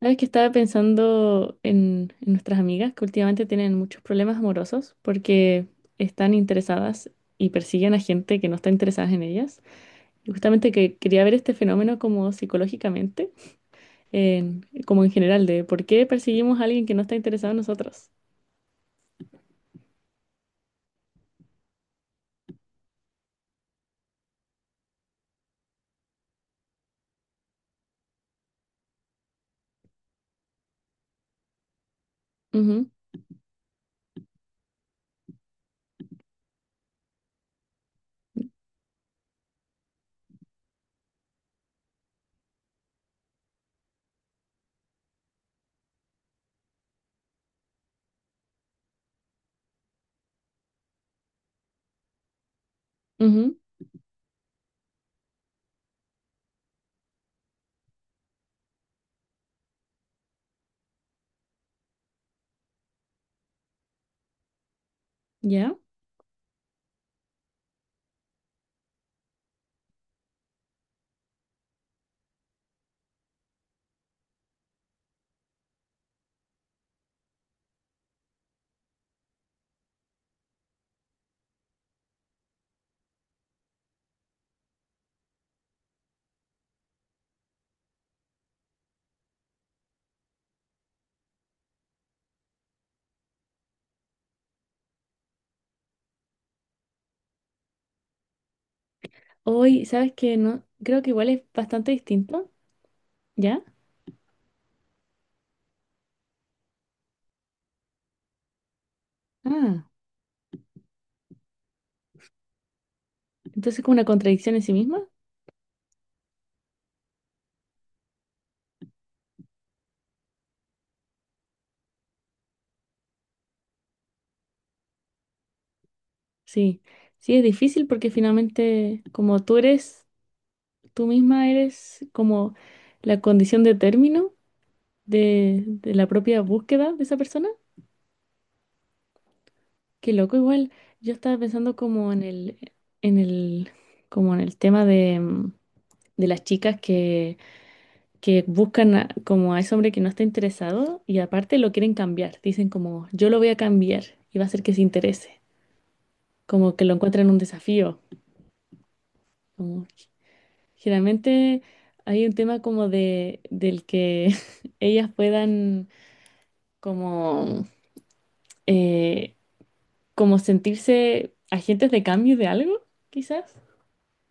Sabes que estaba pensando en nuestras amigas que últimamente tienen muchos problemas amorosos porque están interesadas y persiguen a gente que no está interesada en ellas. Y justamente que quería ver este fenómeno como psicológicamente, como en general, de por qué perseguimos a alguien que no está interesado en nosotros. Ujú, ujú, ¿ya? Hoy, ¿sabes que no, creo que igual es bastante distinto, ¿ya? Ah, entonces como una contradicción en sí misma. Sí, sí, es difícil porque finalmente como tú eres... Tú misma eres como la condición de término de la propia búsqueda de esa persona. Qué loco, igual. Yo estaba pensando en el, como en el tema de, de las chicas que como a ese hombre que no está interesado y aparte lo quieren cambiar. Dicen como, yo lo voy a cambiar y va a hacer que se interese. Como que lo encuentran un desafío. Como, generalmente hay un tema como de, del que ellas puedan como, eh, como sentirse agentes de cambio de algo, quizás,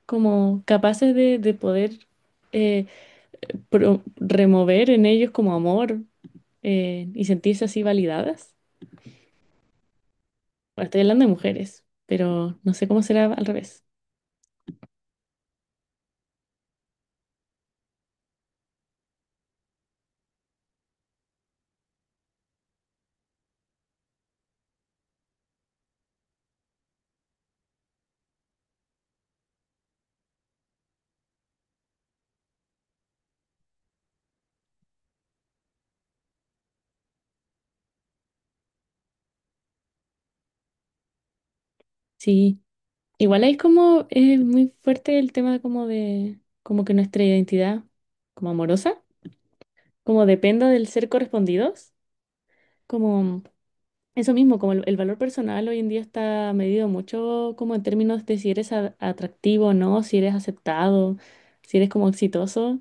como capaces de poder eh, remover en ellos como amor, y sentirse así validadas. Bueno, estoy hablando de mujeres, pero no sé cómo será al revés. Sí, igual ahí es como muy fuerte el tema como de, como que nuestra identidad como amorosa, como dependa del ser correspondidos, como... Eso mismo, como el valor personal hoy en día está medido mucho como en términos de si eres atractivo o no, si eres aceptado, si eres como exitoso.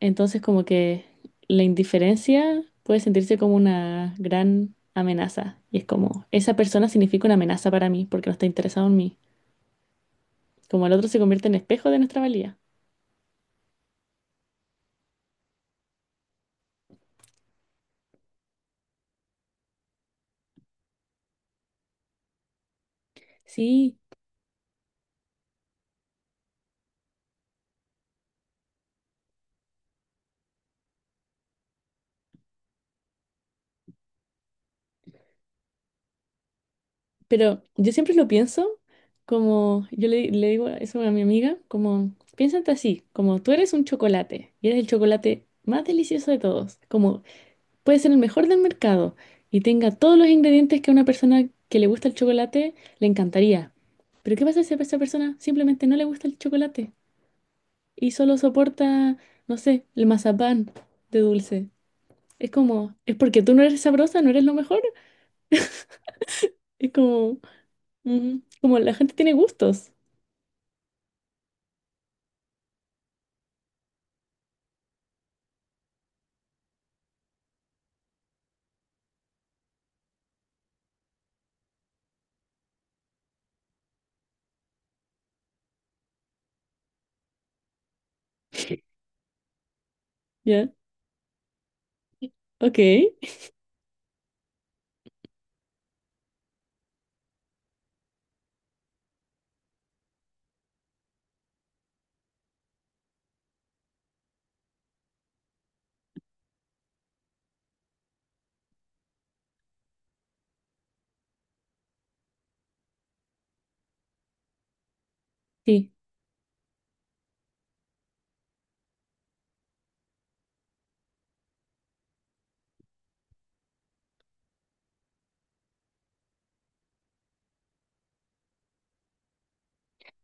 Entonces como que la indiferencia puede sentirse como una gran amenaza. Y es como, esa persona significa una amenaza para mí porque no está interesado en mí. Como el otro se convierte en espejo de nuestra valía. Sí. Pero yo siempre lo pienso como, yo le digo eso a mi amiga, como, piénsate así, como tú eres un chocolate y eres el chocolate más delicioso de todos, como puede ser el mejor del mercado y tenga todos los ingredientes que a una persona que le gusta el chocolate le encantaría. Pero ¿qué pasa si a esa persona simplemente no le gusta el chocolate y solo soporta, no sé, el mazapán de dulce? Es como, es porque tú no eres sabrosa, no eres lo mejor. Es como, como la gente tiene gustos. Ya, ok. Sí,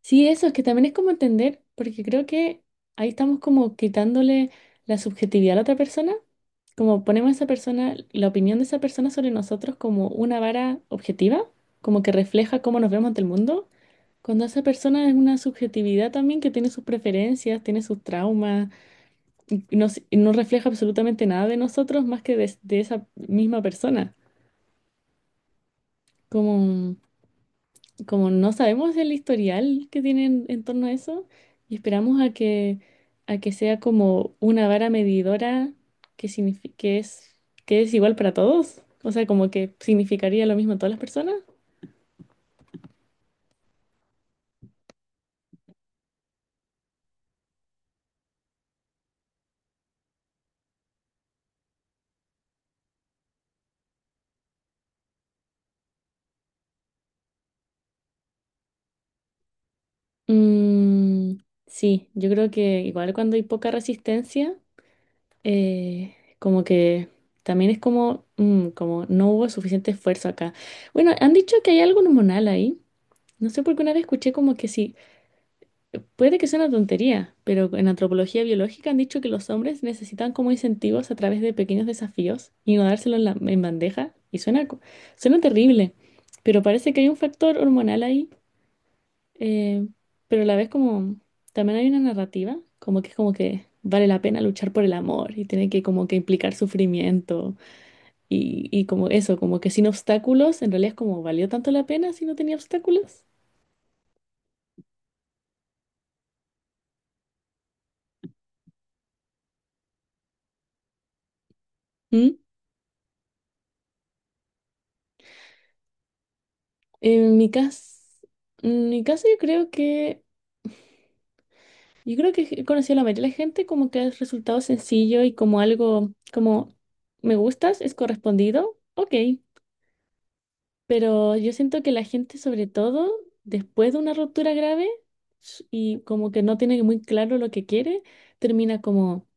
sí, eso es que también es como entender, porque creo que ahí estamos como quitándole la subjetividad a la otra persona, como ponemos a esa persona, la opinión de esa persona sobre nosotros como una vara objetiva, como que refleja cómo nos vemos ante el mundo, cuando esa persona es una subjetividad también que tiene sus preferencias, tiene sus traumas, y no, y no refleja absolutamente nada de nosotros más que de esa misma persona. Como... como no sabemos el historial que tienen en torno a eso y esperamos a que sea como una vara medidora que, que es igual para todos, o sea, como que significaría lo mismo a todas las personas. Mm, sí, yo creo que igual cuando hay poca resistencia, como que también es como, como no hubo suficiente esfuerzo acá. Bueno, han dicho que hay algo hormonal ahí. No sé por qué una vez escuché como que sí puede que sea una tontería, pero en antropología biológica han dicho que los hombres necesitan como incentivos a través de pequeños desafíos y no dárselos en bandeja. Y suena, suena terrible, pero parece que hay un factor hormonal ahí, eh, pero a la vez como también hay una narrativa, como que es como que vale la pena luchar por el amor y tiene que como que implicar sufrimiento y como eso, como que sin obstáculos, en realidad es como valió tanto la pena si no tenía obstáculos. ¿Mm? En mi caso, en mi caso yo creo que he conocido a la mayoría de la gente como que es resultado sencillo y como algo como me gustas, es correspondido, ok. Pero yo siento que la gente, sobre todo después de una ruptura grave y como que no tiene muy claro lo que quiere, termina como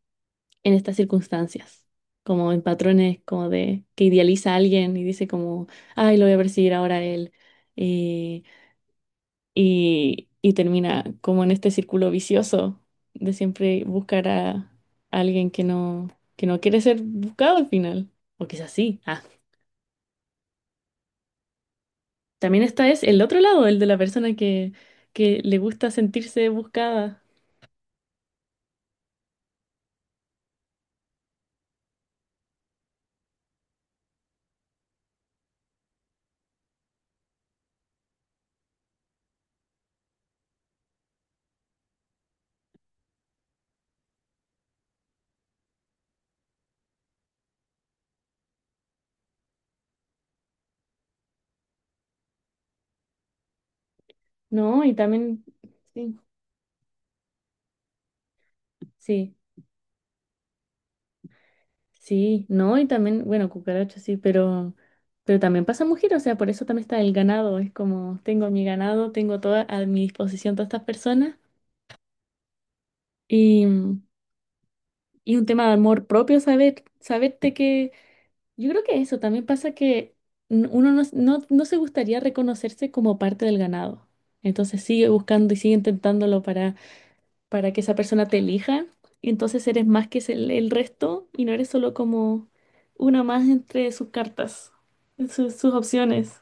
en estas circunstancias, como en patrones como de que idealiza a alguien y dice como, ay, lo voy a perseguir ahora a él. eh, y termina como en este círculo vicioso de siempre buscar a alguien que no quiere ser buscado al final. O quizás sí. Ah. También está es el otro lado, el de la persona que le gusta sentirse buscada. No, y también, sí, sí, sí, no, y también, bueno, cucaracha sí, pero también pasa mujer, o sea, por eso también está el ganado, es como tengo mi ganado, tengo toda a mi disposición todas estas personas y Y un tema de amor propio, saberte que yo creo que eso también pasa que uno no, no, no se gustaría reconocerse como parte del ganado. Entonces sigue buscando y sigue intentándolo para que esa persona te elija. Y entonces eres más que el resto y no eres solo como una más entre sus cartas, sus opciones.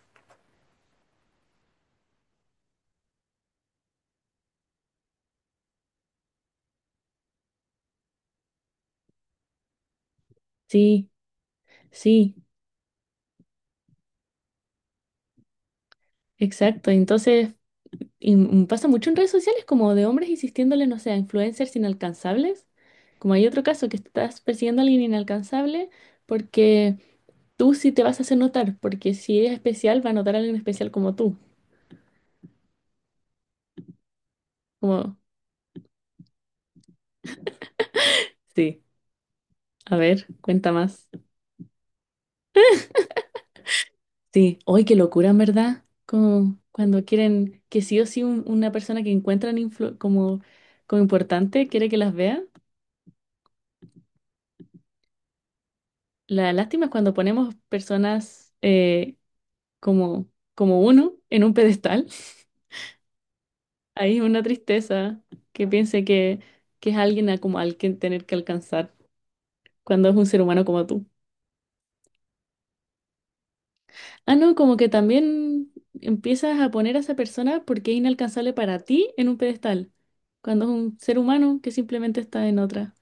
Sí, sí, exacto. Entonces... Y pasa mucho en redes sociales como de hombres insistiéndole, no sé, a influencers inalcanzables. Como hay otro caso que estás persiguiendo a alguien inalcanzable porque tú sí te vas a hacer notar, porque si es especial, va a notar a alguien especial como tú. Como, sí, a ver, cuenta más. Sí, hoy qué locura, en verdad. Como cuando quieren que sí o sí una persona que encuentran como, como importante quiere que las vea. La lástima es cuando ponemos personas como, como uno en un pedestal. Ahí es una tristeza que piense que es alguien a como al que tener que alcanzar cuando es un ser humano como tú. Ah, no, como que también empiezas a poner a esa persona porque es inalcanzable para ti en un pedestal, cuando es un ser humano que simplemente está en otra.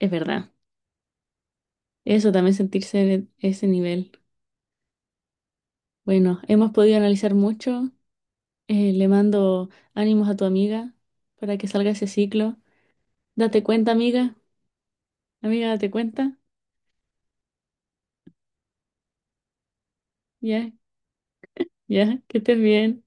Es verdad, eso también sentirse en ese nivel. Bueno, hemos podido analizar mucho. Le mando ánimos a tu amiga para que salga ese ciclo. Date cuenta, amiga. Amiga, ¿te cuenta? Ya, ya, que estés bien.